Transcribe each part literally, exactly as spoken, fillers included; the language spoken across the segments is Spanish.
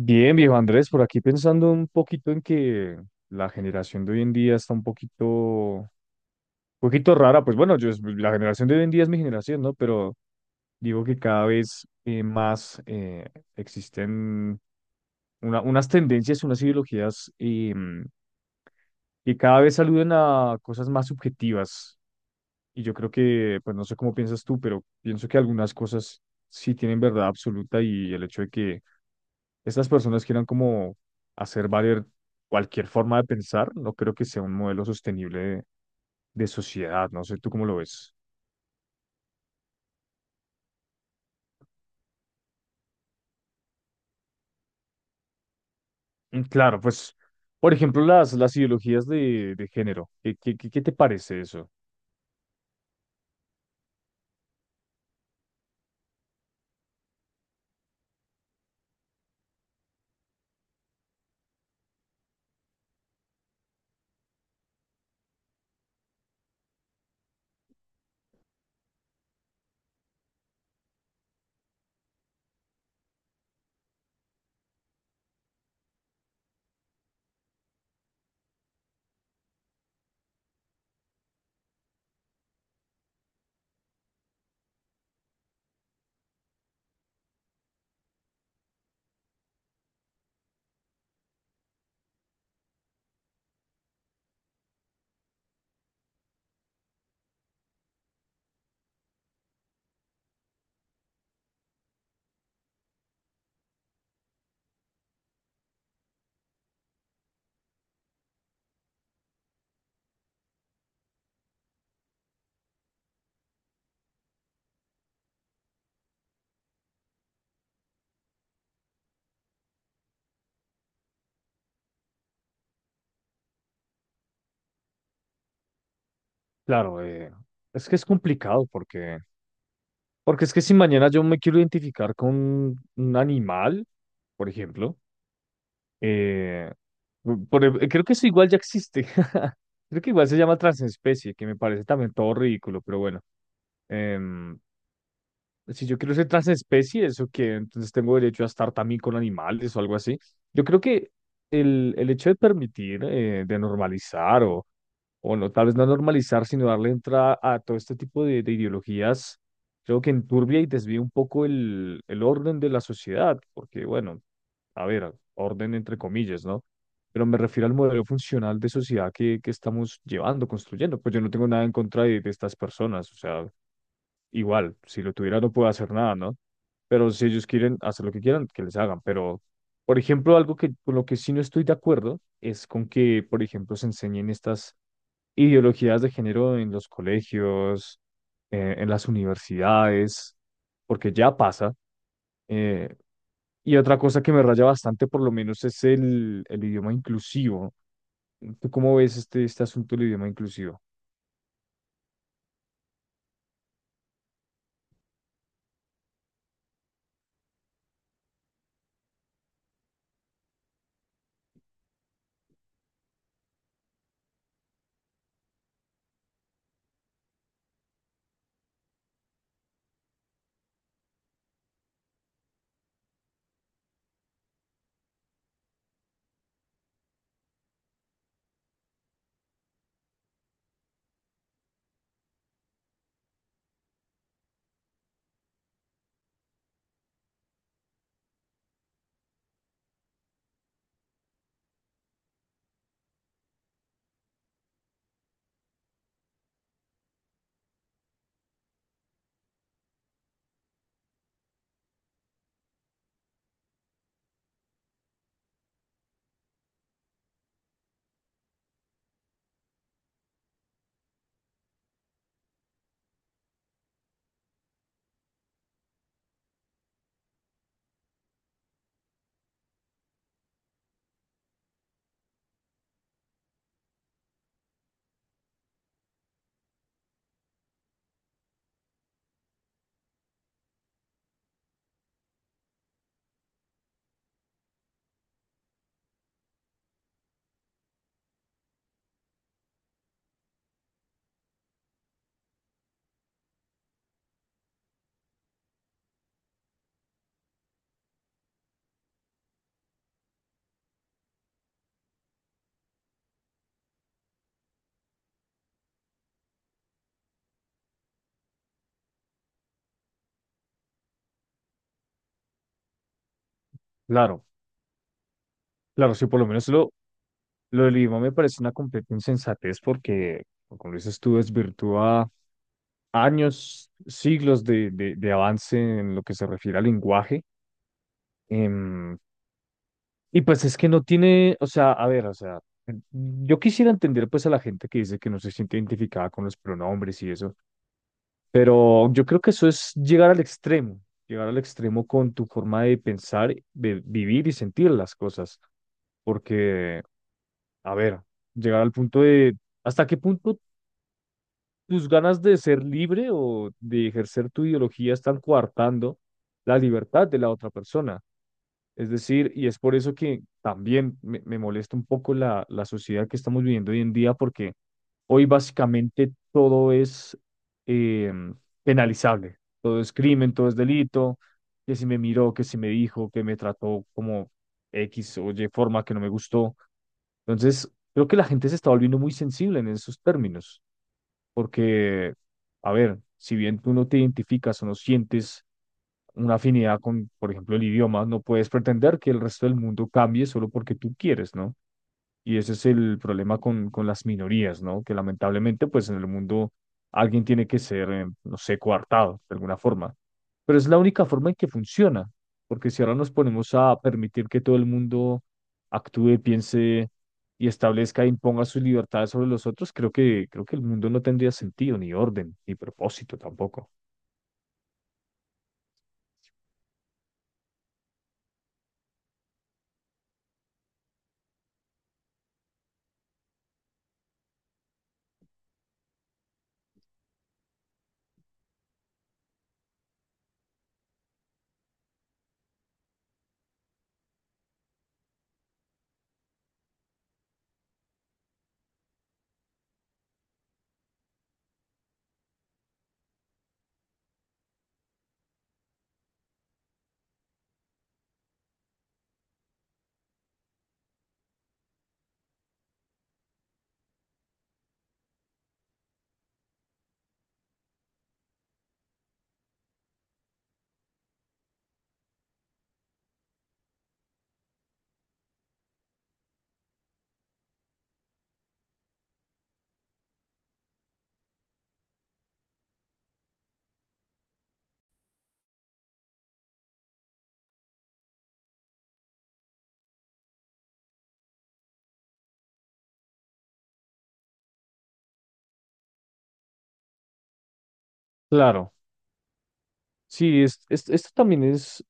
Bien, viejo Andrés, por aquí pensando un poquito en que la generación de hoy en día está un poquito, un poquito rara. Pues bueno, yo, es- la generación de hoy en día es mi generación, ¿no? Pero digo que cada vez eh, más eh, existen una- unas tendencias, unas ideologías eh, que cada vez aluden a cosas más subjetivas. Y yo creo que, pues no sé cómo piensas tú, pero pienso que algunas cosas sí tienen verdad absoluta y el hecho de que estas personas quieran como hacer valer cualquier forma de pensar, no creo que sea un modelo sostenible de, de sociedad, no sé tú cómo lo ves. Mm, Claro, pues, por ejemplo, las, las ideologías de, de género, ¿qué, qué, qué qué te parece eso? Claro, eh, es que es complicado porque, porque es que si mañana yo me quiero identificar con un animal, por ejemplo, eh, bu- por ej- creo que eso igual ya existe. Creo que igual se llama transespecie, que me parece también todo ridículo, pero bueno. Em, si yo quiero ser transespecie, ¿eso que Entonces tengo derecho a estar también con animales o algo así. Yo creo que el, el hecho de permitir, eh, de normalizar o, o no, tal vez no normalizar, sino darle entrada a todo este tipo de, de ideologías, creo que enturbia y desvía un poco el, el orden de la sociedad, porque bueno, a ver, orden entre comillas, ¿no? Pero me refiero al modelo funcional de sociedad que, que estamos llevando, construyendo. Pues yo no tengo nada en contra de, de estas personas, o sea, igual, si lo tuviera no puedo hacer nada, ¿no? Pero si ellos quieren hacer lo que quieran, que les hagan. Pero, por ejemplo, algo que con lo que sí no estoy de acuerdo es con que, por ejemplo, se enseñen estas ideologías de género en los colegios, eh, en las universidades, porque ya pasa. eh, y otra cosa que me raya bastante, por lo menos, es el, el idioma inclusivo. ¿Tú cómo ves este, este asunto del idioma inclusivo? Claro, claro, si por lo menos lo Lo del idioma me parece una completa insensatez porque, como dices tú, desvirtúa años, siglos de, de, de avance en lo que se refiere al lenguaje. Em, y pues es que no tiene, o sea, a ver, o sea, yo quisiera entender pues a la gente que dice que no se siente identificada con los pronombres y eso, pero yo creo que eso es llegar al extremo, llegar al extremo con tu forma de pensar, de vivir y sentir las cosas, porque, a ver, llegar al punto de... ¿Hasta qué punto tus ganas de ser libre o de ejercer tu ideología están coartando la libertad de la otra persona? Es decir, y es por eso que también me, me molesta un poco la, la sociedad que estamos viviendo hoy en día, porque hoy básicamente todo es eh, penalizable, todo es crimen, todo es delito, que si me miró, que si me dijo, que me trató como X o Y forma que no me gustó. Entonces, creo que la gente se está volviendo muy sensible en esos términos. Porque, a ver, si bien tú no te identificas o no sientes una afinidad con, por ejemplo, el idioma, no puedes pretender que el resto del mundo cambie solo porque tú quieres, ¿no? Y ese es el problema con, con las minorías, ¿no? Que lamentablemente, pues en el mundo alguien tiene que ser, eh, no sé, coartado de alguna forma. Pero es la única forma en que funciona, porque si ahora nos ponemos a permitir que todo el mundo actúe, piense y establezca e imponga sus libertades sobre los otros, creo que, creo que el mundo no tendría sentido, ni orden, ni propósito tampoco. Claro, sí, es, es- esto también es,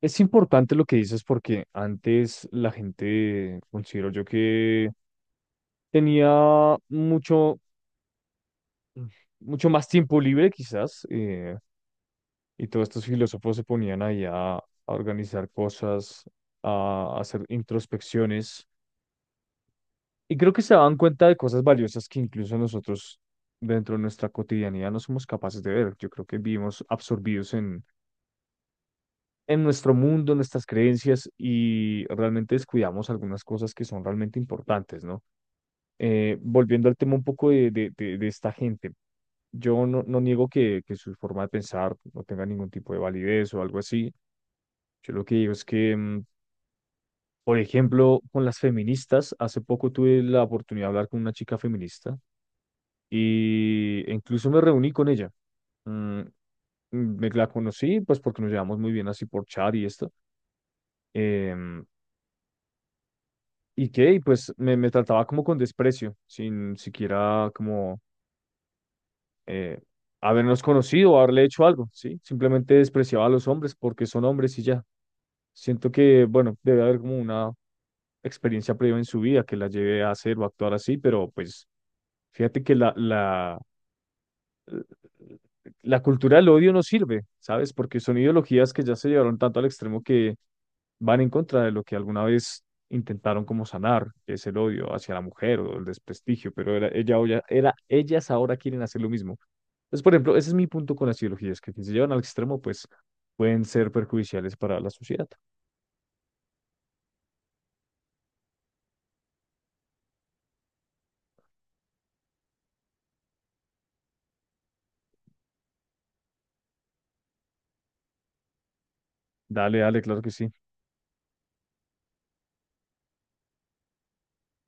es importante lo que dices porque antes la gente, considero yo que tenía mucho, mucho más tiempo libre quizás, eh, y todos estos filósofos se ponían ahí a, a organizar cosas, a hacer introspecciones, y creo que se daban cuenta de cosas valiosas que incluso nosotros dentro de nuestra cotidianidad no somos capaces de ver. Yo creo que vivimos absorbidos en, en nuestro mundo, en nuestras creencias, y realmente descuidamos algunas cosas que son realmente importantes, ¿no? Eh, volviendo al tema un poco de, de- de- de esta gente, yo no, no niego que, que su forma de pensar no tenga ningún tipo de validez o algo así. Yo lo que digo es que, mm, por ejemplo, con las feministas, hace poco tuve la oportunidad de hablar con una chica feminista y e incluso me reuní con ella. Mm, mm, Me la conocí, pues porque nos llevamos muy bien así por chat y esto. em, y que, y pues me, me trataba como con desprecio, sin siquiera como eh, habernos conocido o haberle hecho algo, ¿sí? Simplemente despreciaba a los hombres porque son hombres y ya. Siento que, bueno, debe haber como una experiencia previa en su vida que la lleve a hacer o a actuar así, pero pues fíjate que la, la, la cultura del odio no sirve, ¿sabes? Porque son ideologías que ya se llevaron tanto al extremo que van en contra de lo que alguna vez intentaron como sanar, que es el odio hacia la mujer o el desprestigio, pero era, ella, ahora- era, ellas ahora quieren hacer lo mismo. Entonces, por ejemplo, ese es mi punto con las ideologías, que si se llevan al extremo, pues pueden ser perjudiciales para la sociedad. Dale, dale, claro que sí.